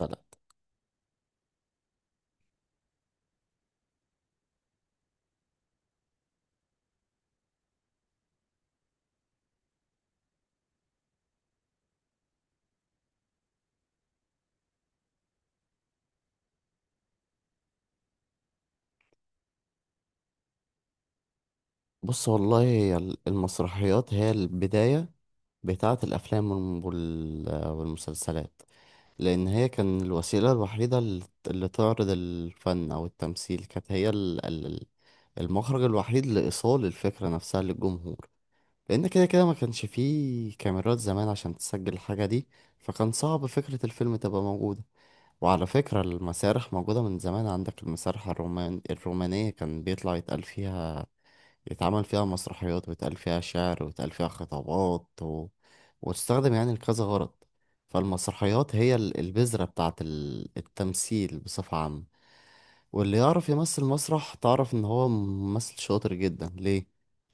غلط. بص والله هي المسرحيات هي البداية بتاعة الأفلام والمسلسلات. لأن هي كان الوسيلة الوحيدة اللي تعرض الفن أو التمثيل، كانت هي المخرج الوحيد لإيصال الفكرة نفسها للجمهور. لأن كده كده ما كانش فيه كاميرات زمان عشان تسجل الحاجة دي، فكان صعب فكرة الفيلم تبقى موجودة. وعلى فكرة، المسارح موجودة من زمان، عندك المسارح الرومانية كان بيطلع يتقال فيها، يتعمل فيها مسرحيات، ويتقال فيها شعر، ويتقال فيها خطابات، و... وتستخدم يعني لكذا غرض. فالمسرحيات هي البذرة بتاعة التمثيل بصفة عامة. واللي يعرف يمثل مسرح تعرف إن هو ممثل شاطر جدا، ليه؟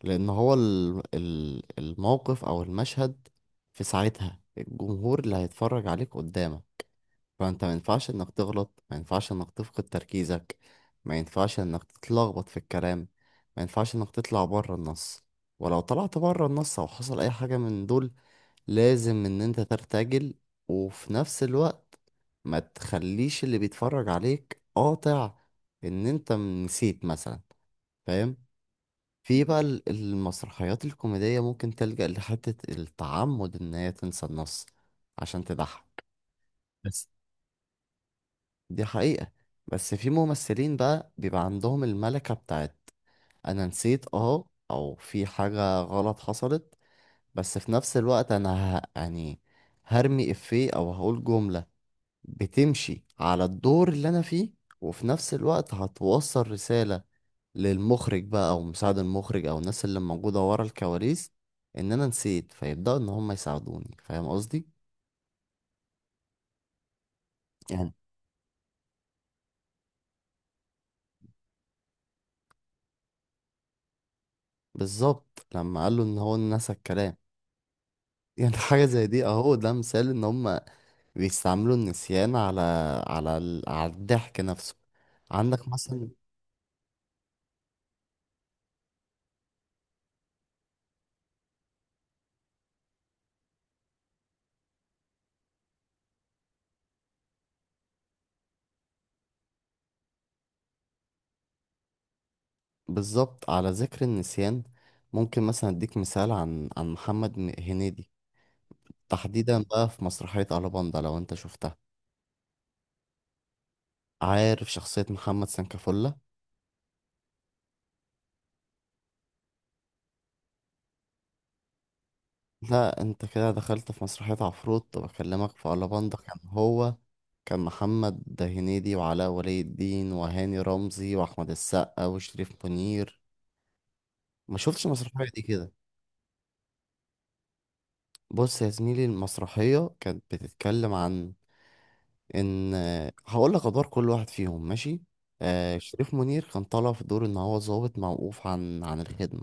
لأن هو الموقف أو المشهد في ساعتها، الجمهور اللي هيتفرج عليك قدامك. فانت ما ينفعش انك تغلط، ما ينفعش انك تفقد تركيزك، ما ينفعش انك تتلخبط في الكلام، ما ينفعش انك تطلع بره النص. ولو طلعت بره النص او حصل اي حاجة من دول، لازم ان انت ترتجل، وفي نفس الوقت ما تخليش اللي بيتفرج عليك قاطع ان انت نسيت مثلا. فاهم؟ في بقى المسرحيات الكوميدية ممكن تلجأ لحتة التعمد ان هي تنسى النص عشان تضحك. بس دي حقيقة. بس في ممثلين بقى بيبقى عندهم الملكة بتاعت أنا نسيت، أو في حاجة غلط حصلت، بس في نفس الوقت أنا يعني هرمي إفيه أو هقول جملة بتمشي على الدور اللي أنا فيه، وفي نفس الوقت هتوصل رسالة للمخرج بقى أو مساعد المخرج أو الناس اللي موجودة ورا الكواليس إن أنا نسيت، فيبدأوا إن هم يساعدوني. فاهم قصدي؟ يعني بالظبط لما قال له إن هو نسى الكلام. يعني حاجة زي دي، اهو ده مثال ان هم بيستعملوا النسيان على الضحك نفسه. عندك مثلا. بالظبط، على ذكر النسيان ممكن مثلا اديك مثال عن محمد هنيدي. تحديدا بقى في مسرحية ألاباندا، لو انت شفتها. عارف شخصية محمد سنكافولا؟ لا، انت كده دخلت في مسرحية عفروت، وبكلمك في ألاباندا. كان محمد هنيدي وعلاء ولي الدين وهاني رمزي وأحمد السقا وشريف منير. ما شفتش المسرحية دي كده؟ بص يا زميلي، المسرحية كانت بتتكلم عن ان هقول لك ادوار كل واحد فيهم، ماشي؟ شريف منير كان طالع في دور ان هو ضابط موقوف عن الخدمة.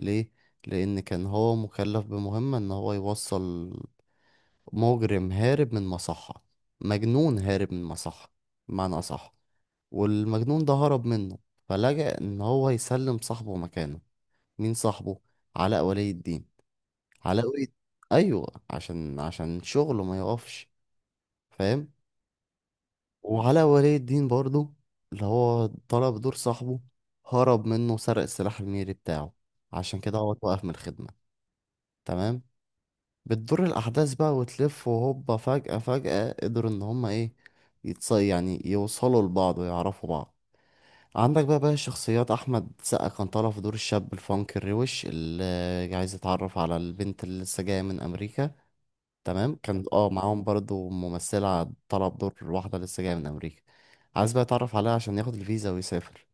ليه؟ لان كان هو مكلف بمهمة ان هو يوصل مجرم هارب من مصحة، مجنون هارب من مصحة بمعنى اصح. والمجنون ده هرب منه، فلجأ ان هو يسلم صاحبه مكانه. مين صاحبه؟ علاء ولي الدين. علاء ولي ايوه، عشان شغله ما يقفش. فاهم؟ وعلاء ولي الدين برضو، اللي هو طلب دور صاحبه، هرب منه وسرق السلاح الميري بتاعه، عشان كده هو اتوقف من الخدمة. تمام. بتدور الأحداث بقى وتلف، وهوبا فجأة فجأة قدروا إن هما إيه، يعني يوصلوا لبعض ويعرفوا بعض. عندك بقى الشخصيات، أحمد سقا كان طالع في دور الشاب الفانك الروش اللي عايز يتعرف على البنت اللي لسه جاية من أمريكا. تمام، كان معاهم برضو ممثلة طلب دور واحدة لسه جاية من أمريكا، عايز بقى يتعرف عليها عشان ياخد الفيزا ويسافر.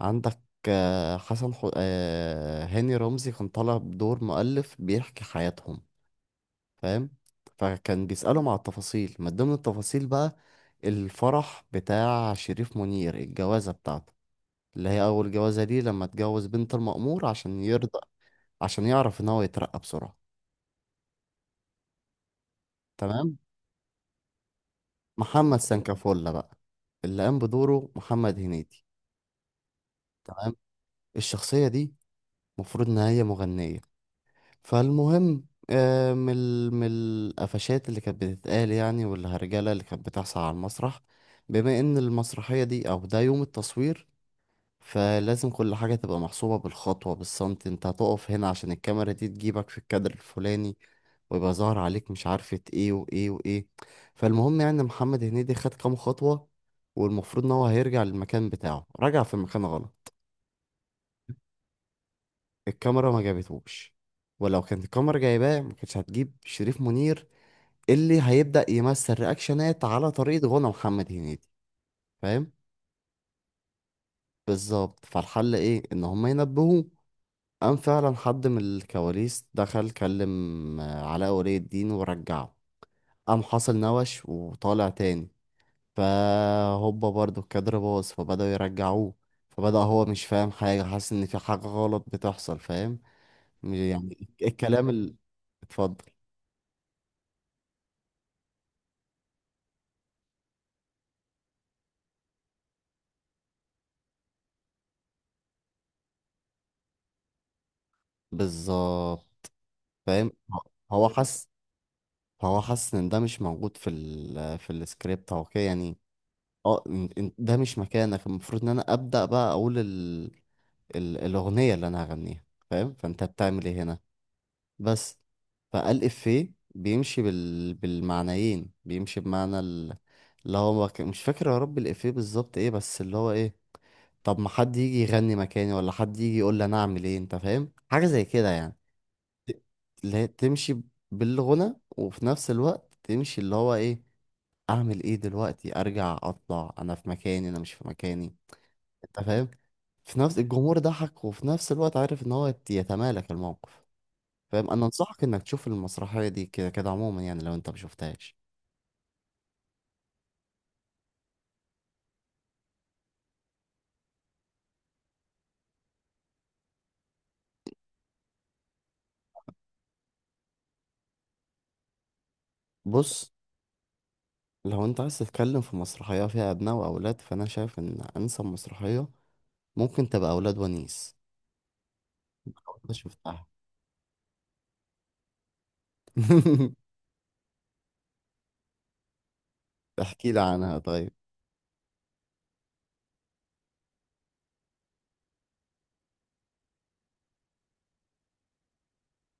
عندك آه، حسن حو... آه، هاني رمزي كان طالب دور مؤلف بيحكي حياتهم. فاهم؟ فكان بيسألهم على التفاصيل، من ضمن التفاصيل بقى الفرح بتاع شريف منير، الجوازة بتاعته اللي هي أول جوازة ليه، لما اتجوز بنت المأمور عشان يرضى، عشان يعرف إن هو يترقى بسرعة. تمام. محمد سانكافولا بقى، اللي قام بدوره محمد هنيدي. تمام. الشخصية دي المفروض إن هي مغنية. فالمهم، من القفشات اللي كانت بتتقال يعني، والهرجلة اللي كانت بتحصل على المسرح، بما إن المسرحية دي أو ده يوم التصوير، فلازم كل حاجة تبقى محسوبة بالخطوة، بالسنتي، انت هتقف هنا عشان الكاميرا دي تجيبك في الكادر الفلاني، ويبقى ظاهر عليك، مش عارفة ايه وايه وايه. فالمهم يعني محمد هنيدي خد كام خطوة، والمفروض ان هو هيرجع للمكان بتاعه، رجع في المكان غلط. الكاميرا ما جابتهوش، ولو كانت الكاميرا جايباه ما كانتش هتجيب شريف منير اللي هيبدأ يمثل رياكشنات على طريقة غنى محمد هنيدي. فاهم؟ بالظبط. فالحل ايه؟ ان هم ينبهوه. قام فعلا حد من الكواليس دخل كلم علاء ولي الدين ورجعه. قام حصل نوش وطالع تاني، فهوبا برضو الكادر باظ، فبدأوا يرجعوه، فبدأ هو مش فاهم حاجة، حاسس إن في حاجة غلط بتحصل. فاهم؟ يعني الكلام اللي، اتفضل. بالظبط. فاهم؟ هو حاسس، هو حاسس إن ده مش موجود في السكريبت أو كده يعني. اه، إن ده مش مكانك، المفروض إن أنا أبدأ بقى أقول ال ال الأغنية اللي أنا هغنيها. فاهم؟ فأنت بتعمل إيه هنا؟ بس. فقال إفيه بيمشي بالمعنيين، بيمشي بمعنى اللي هو مش فاكر يا رب الإفيه بالظبط إيه، بس اللي هو إيه، طب ما حد يجي يغني مكاني ولا حد يجي يقول لي أنا أعمل إيه، أنت فاهم حاجة زي كده يعني. ت- اللي هي تمشي بالغنى، وفي نفس الوقت تمشي اللي هو إيه، أعمل إيه دلوقتي؟ أرجع؟ أطلع؟ أنا في مكاني؟ أنا مش في مكاني؟ أنت فاهم، في نفس الجمهور ضحك، وفي نفس الوقت عارف إن هو يتمالك الموقف. فاهم؟ انا انصحك انك تشوف المسرحيه دي كده كده عموما، يعني لو انت مشوفتهاش. بص، لو انت عايز تتكلم في مسرحيه فيها ابناء واولاد، فانا شايف ان انسب مسرحيه ممكن تبقى اولاد ونيس. لو انت شفتها. احكي لي عنها طيب.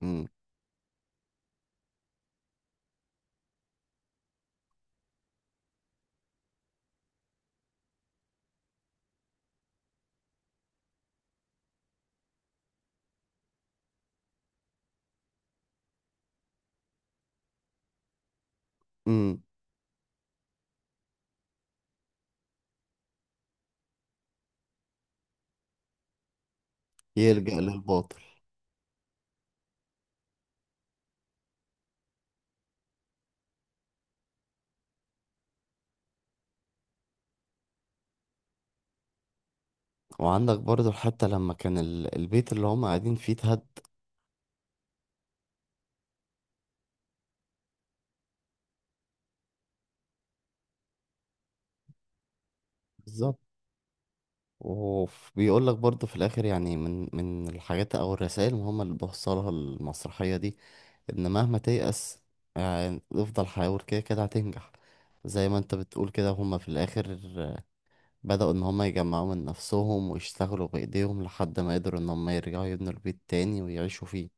امم. امم. يلجأ للباطل. وعندك برضو حتى لما كان البيت اللي هم قاعدين فيه اتهد. بالظبط. وبيقول لك برضه في الاخر، يعني من الحاجات او الرسائل المهمه اللي بوصلها المسرحيه دي، ان مهما تيأس يعني افضل حاول، كده كده هتنجح. زي ما انت بتقول كده، هما في الاخر بدأوا ان هما يجمعوا من نفسهم ويشتغلوا بايديهم لحد ما قدروا ان هما يرجعوا يبنوا البيت تاني ويعيشوا فيه.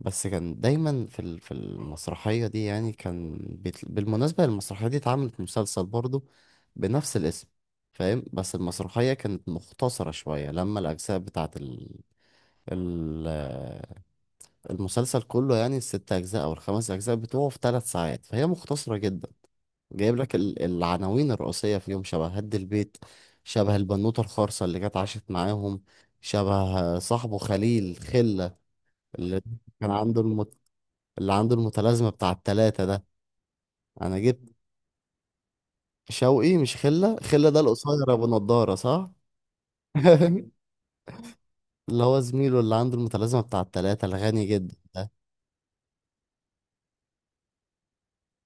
بس كان دايما في المسرحية دي يعني كان بالمناسبة المسرحية دي اتعملت مسلسل برضه بنفس الاسم. فاهم؟ بس المسرحية كانت مختصرة شوية، لما الأجزاء بتاعت ال... المسلسل كله، يعني الست أجزاء أو الخمس أجزاء بتوعه في 3 ساعات، فهي مختصرة جدا. جايب لك العناوين الرئيسية فيهم، شبه هد البيت، شبه البنوتة الخرصة اللي جت عاشت معاهم، شبه صاحبه خليل خلة اللي كان عنده اللي عنده المتلازمة بتاع التلاتة ده. أنا جبت شوقي مش خلة، خلة ده القصير أبو نضارة، صح؟ اللي هو زميله اللي عنده المتلازمة بتاع التلاتة الغني جدا.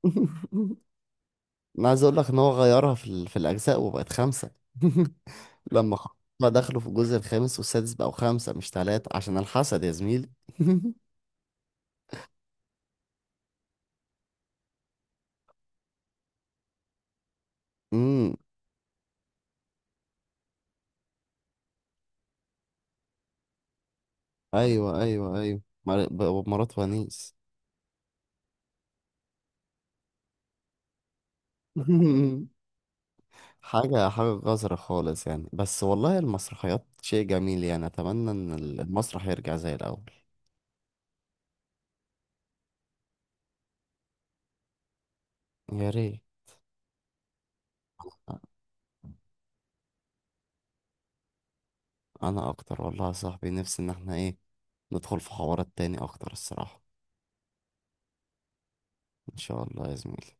أنا عايز أقول لك إن هو غيرها في الأجزاء وبقت خمسة. ما دخلوا في الجزء الخامس والسادس، بقوا خمسة مش تلاتة عشان الحسد يا زميلي. امم، أيوه أيوه أيوه مرات ونيس. حاجة حاجة قذرة خالص يعني، بس والله المسرحيات شيء جميل، يعني أتمنى إن المسرح يرجع زي الأول. يا ريت. أنا أكتر والله يا صاحبي، نفسي إن احنا إيه، ندخل في حوارات تاني أكتر الصراحة. إن شاء الله يا زميلي.